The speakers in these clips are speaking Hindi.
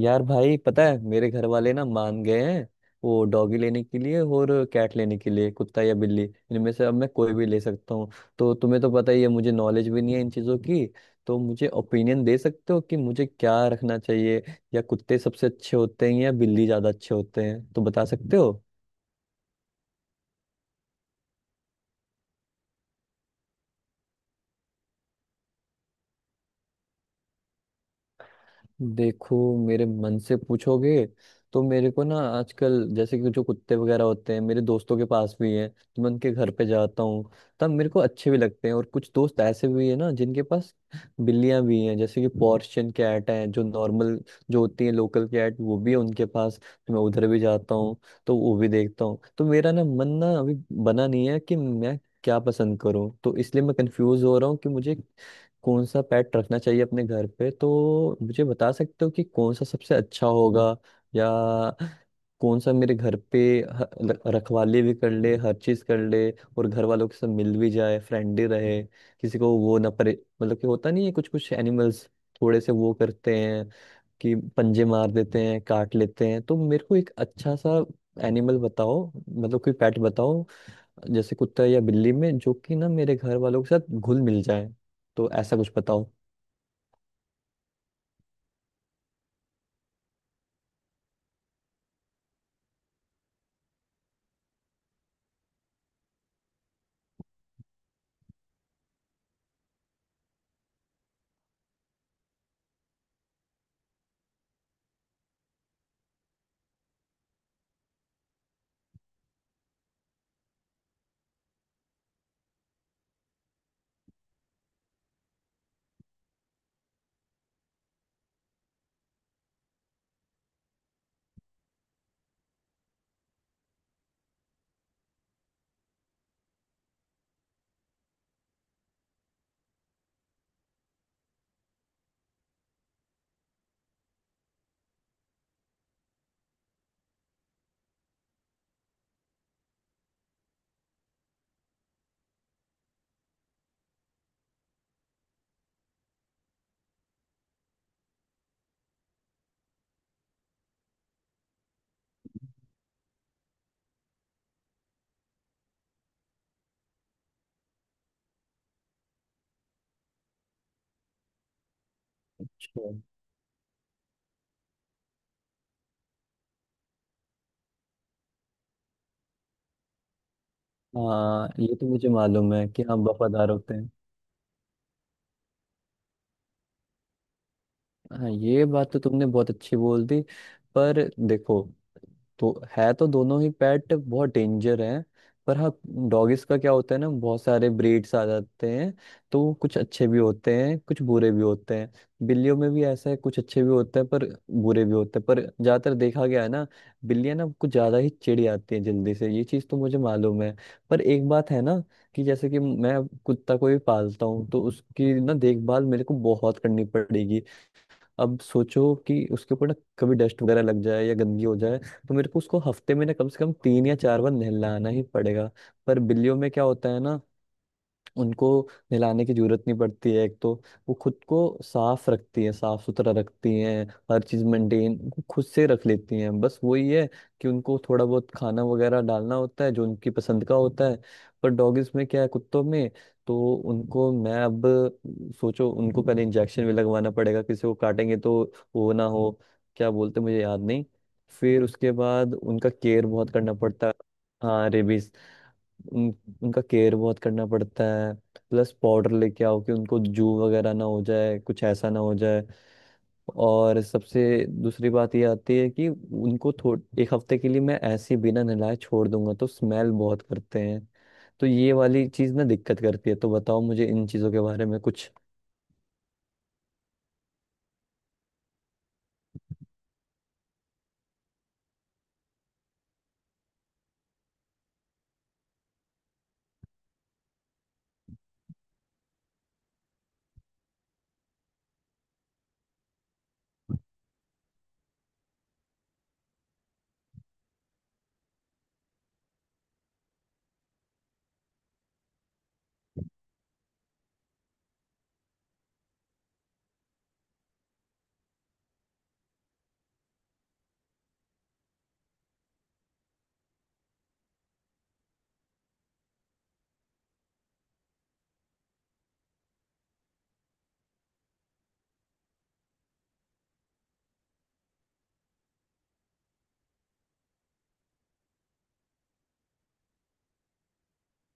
यार भाई पता है मेरे घर वाले ना मान गए हैं। वो डॉगी लेने के लिए और कैट लेने के लिए, कुत्ता या बिल्ली, इनमें से अब मैं कोई भी ले सकता हूँ। तो तुम्हें तो पता ही है मुझे नॉलेज भी नहीं है इन चीज़ों की। तो मुझे ओपिनियन दे सकते हो कि मुझे क्या रखना चाहिए, या कुत्ते सबसे अच्छे होते हैं या बिल्ली ज़्यादा अच्छे होते हैं, तो बता सकते हो। देखो, मेरे मन से पूछोगे तो मेरे को ना आजकल जैसे कि जो कुत्ते वगैरह होते हैं, मेरे दोस्तों के पास भी हैं, तो मैं उनके घर पे जाता हूँ, तब मेरे को अच्छे भी लगते हैं। और कुछ दोस्त ऐसे भी हैं ना जिनके पास बिल्लियाँ भी हैं, जैसे कि पर्शियन कैट है, जो नॉर्मल जो होती है लोकल कैट वो भी है उनके पास, तो मैं उधर भी जाता हूँ, तो वो भी देखता हूँ। तो मेरा ना मन ना अभी बना नहीं है कि मैं क्या पसंद करूँ, तो इसलिए मैं कंफ्यूज हो रहा हूँ कि मुझे कौन सा पेट रखना चाहिए अपने घर पे। तो मुझे बता सकते हो कि कौन सा सबसे अच्छा होगा, या कौन सा मेरे घर पे रखवाली भी कर ले, हर चीज कर ले, और घर वालों के साथ मिल भी जाए, फ्रेंडली रहे, किसी को वो ना परे। मतलब कि होता नहीं है, कुछ कुछ एनिमल्स थोड़े से वो करते हैं, कि पंजे मार देते हैं, काट लेते हैं। तो मेरे को एक अच्छा सा एनिमल बताओ, मतलब कोई पेट बताओ, जैसे कुत्ता या बिल्ली में, जो कि ना मेरे घर वालों के साथ घुल मिल जाए, तो ऐसा कुछ बताओ। अच्छा। हाँ, ये तो मुझे मालूम है कि हम वफादार होते हैं। हाँ, ये बात तो तुमने बहुत अच्छी बोल दी। पर देखो, तो है तो दोनों ही पेट बहुत डेंजर हैं, पर हाँ, डॉगिस का क्या होता है ना, बहुत सारे ब्रीड्स आ जाते हैं, तो वो कुछ अच्छे भी होते हैं कुछ बुरे भी होते हैं। बिल्लियों में भी ऐसा है, कुछ अच्छे भी होते हैं पर बुरे भी होते हैं। पर ज्यादातर देखा गया है ना, बिल्लियां ना कुछ ज्यादा ही चिढ़ जाती हैं जल्दी से, ये चीज तो मुझे मालूम है। पर एक बात है ना, कि जैसे कि मैं कुत्ता को भी पालता हूँ, तो उसकी ना देखभाल मेरे को बहुत करनी पड़ेगी। अब सोचो कि उसके ऊपर ना कभी डस्ट वगैरह लग जाए या गंदगी हो जाए, तो मेरे को उसको हफ्ते में ना कम से कम तीन या चार बार नहलाना ही पड़ेगा। पर बिल्लियों में क्या होता है ना, उनको नहलाने की जरूरत नहीं पड़ती है एक तो, वो खुद को साफ रखती है, साफ सुथरा रखती हैं, हर चीज मेंटेन खुद से रख लेती हैं। बस वही है कि उनको थोड़ा बहुत खाना वगैरह डालना होता है जो उनकी पसंद का होता है। पर डॉगिस में क्या है, कुत्तों में, तो उनको मैं अब सोचो, उनको पहले इंजेक्शन भी लगवाना पड़ेगा, किसी को काटेंगे तो वो ना हो, क्या बोलते मुझे याद नहीं। फिर उसके बाद उनका केयर बहुत करना पड़ता है। हाँ, रेबीज। उन, उनका केयर बहुत करना पड़ता है। प्लस पाउडर लेके आओ कि उनको जू वगैरह ना हो जाए, कुछ ऐसा ना हो जाए। और सबसे दूसरी बात ये आती है कि उनको थोड़ा एक हफ्ते के लिए मैं ऐसे ही बिना नहलाए छोड़ दूंगा, तो स्मेल बहुत करते हैं। तो ये वाली चीज़ ना दिक्कत करती है। तो बताओ मुझे इन चीज़ों के बारे में कुछ।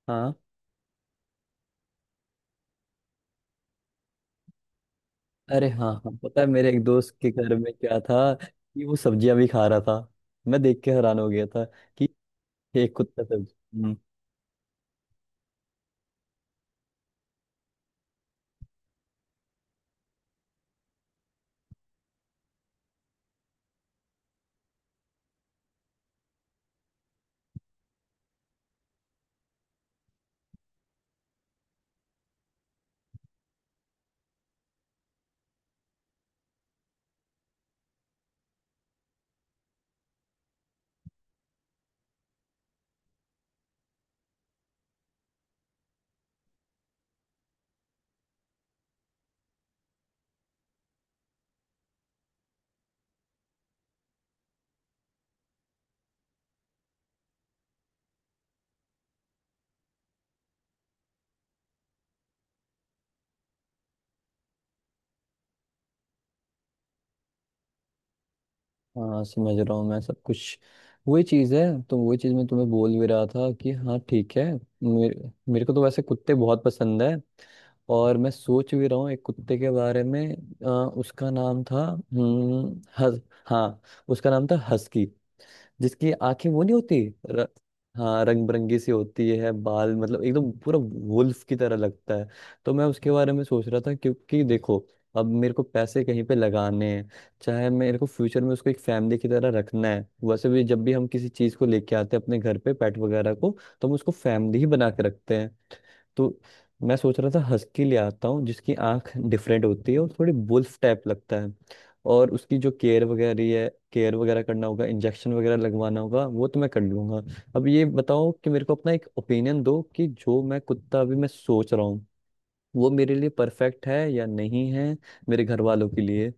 हाँ। अरे हाँ हाँ, पता है, मेरे एक दोस्त के घर में क्या था कि वो सब्जियां भी खा रहा था, मैं देख के हैरान हो गया था कि एक कुत्ता सब्जी। हाँ, समझ रहा हूँ मैं सब कुछ। वही चीज़ है, तो वही चीज़ मैं तुम्हें बोल भी रहा था कि हाँ ठीक है। मेरे को तो वैसे कुत्ते बहुत पसंद है और मैं सोच भी रहा हूँ एक कुत्ते के बारे में। उसका नाम था, हम्म, हस, हाँ, उसका नाम था हस्की, जिसकी आंखें वो नहीं होती, र, हाँ, रंग बिरंगी सी होती है, बाल मतलब एकदम पूरा वुल्फ की तरह लगता है। तो मैं उसके बारे में सोच रहा था, क्योंकि देखो, अब मेरे को पैसे कहीं पे लगाने हैं, चाहे मेरे को फ्यूचर में उसको एक फैमिली की तरह रखना है। वैसे भी जब भी हम किसी चीज को लेके आते हैं अपने घर पे पेट वगैरह को, तो हम उसको फैमिली ही बना के रखते हैं। तो मैं सोच रहा था हस्की ले आता हूँ, जिसकी आंख डिफरेंट होती है और थोड़ी बुल्फ टाइप लगता है। और उसकी जो केयर वगैरह है, केयर वगैरह करना होगा, इंजेक्शन वगैरह लगवाना होगा, वो तो मैं कर लूंगा। अब ये बताओ कि मेरे को अपना एक ओपिनियन दो कि जो मैं कुत्ता अभी मैं सोच रहा हूँ, वो मेरे लिए परफेक्ट है या नहीं है, मेरे घर वालों के लिए।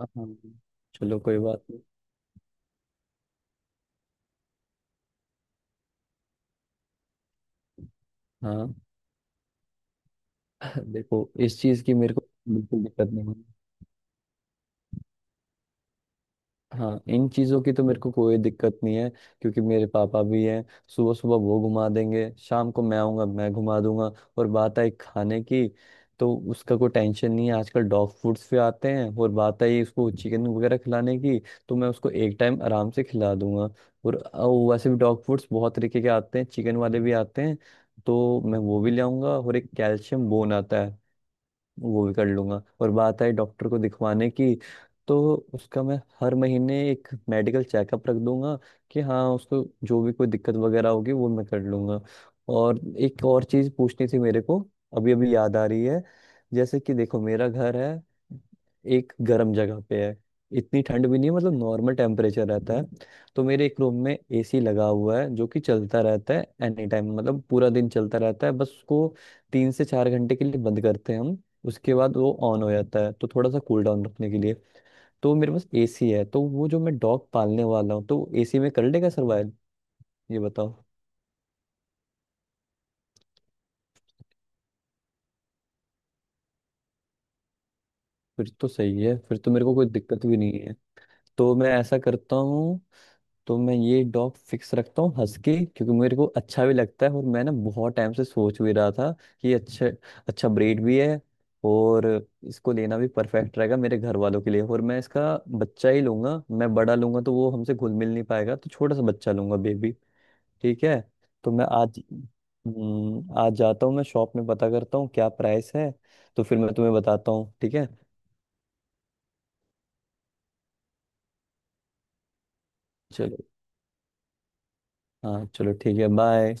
हाँ, चलो कोई बात नहीं। हाँ, देखो, इस चीज की मेरे को बिल्कुल दिक्कत नहीं है। हाँ, इन चीज़ों की तो मेरे को कोई दिक्कत नहीं है, क्योंकि मेरे पापा भी हैं, सुबह सुबह वो घुमा देंगे, शाम को मैं आऊँगा मैं घुमा दूंगा। और बात आई खाने की, तो उसका कोई टेंशन नहीं है, आजकल डॉग फूड्स भी आते हैं। और बात आई उसको चिकन वगैरह खिलाने की, तो मैं उसको एक टाइम आराम से खिला दूंगा। और वैसे भी डॉग फूड्स बहुत तरीके के आते हैं, चिकन वाले भी आते हैं, तो मैं वो भी ले आऊंगा। और एक कैल्शियम बोन आता है, वो भी कर लूंगा। और बात आई डॉक्टर को दिखवाने की, तो उसका मैं हर महीने एक मेडिकल चेकअप रख दूंगा, कि हाँ उसको जो भी कोई दिक्कत वगैरह होगी वो मैं कर लूंगा। और एक और चीज़ पूछनी थी मेरे को, अभी अभी याद आ रही है। जैसे कि देखो, मेरा घर है, एक गर्म जगह पे है, इतनी ठंड भी नहीं है, मतलब नॉर्मल टेम्परेचर रहता है। तो मेरे एक रूम में एसी लगा हुआ है, जो कि चलता रहता है एनी टाइम, मतलब पूरा दिन चलता रहता है, बस उसको तीन से चार घंटे के लिए बंद करते हैं हम, उसके बाद वो ऑन हो जाता है, तो थोड़ा सा कूल डाउन रखने के लिए। तो मेरे पास एसी है, तो वो जो मैं डॉग पालने वाला हूँ तो एसी में कर लेगा सर्वाइव, ये बताओ। फिर तो सही है, फिर तो मेरे को कोई दिक्कत भी नहीं है। तो मैं ऐसा करता हूँ, तो मैं ये डॉग फिक्स रखता हूँ हस्की, क्योंकि मेरे को अच्छा भी लगता है और मैं ना बहुत टाइम से सोच भी रहा था कि अच्छा, अच्छा ब्रीड भी है, और इसको लेना भी परफेक्ट रहेगा मेरे घर वालों के लिए। और मैं इसका बच्चा ही लूंगा, मैं बड़ा लूंगा तो वो हमसे घुल मिल नहीं पाएगा, तो छोटा सा बच्चा लूंगा, बेबी। ठीक है। तो मैं आज, आज जाता हूँ मैं शॉप में, पता करता हूँ क्या प्राइस है, तो फिर मैं तुम्हें बताता हूँ, ठीक है। चलो, हाँ चलो ठीक है, बाय।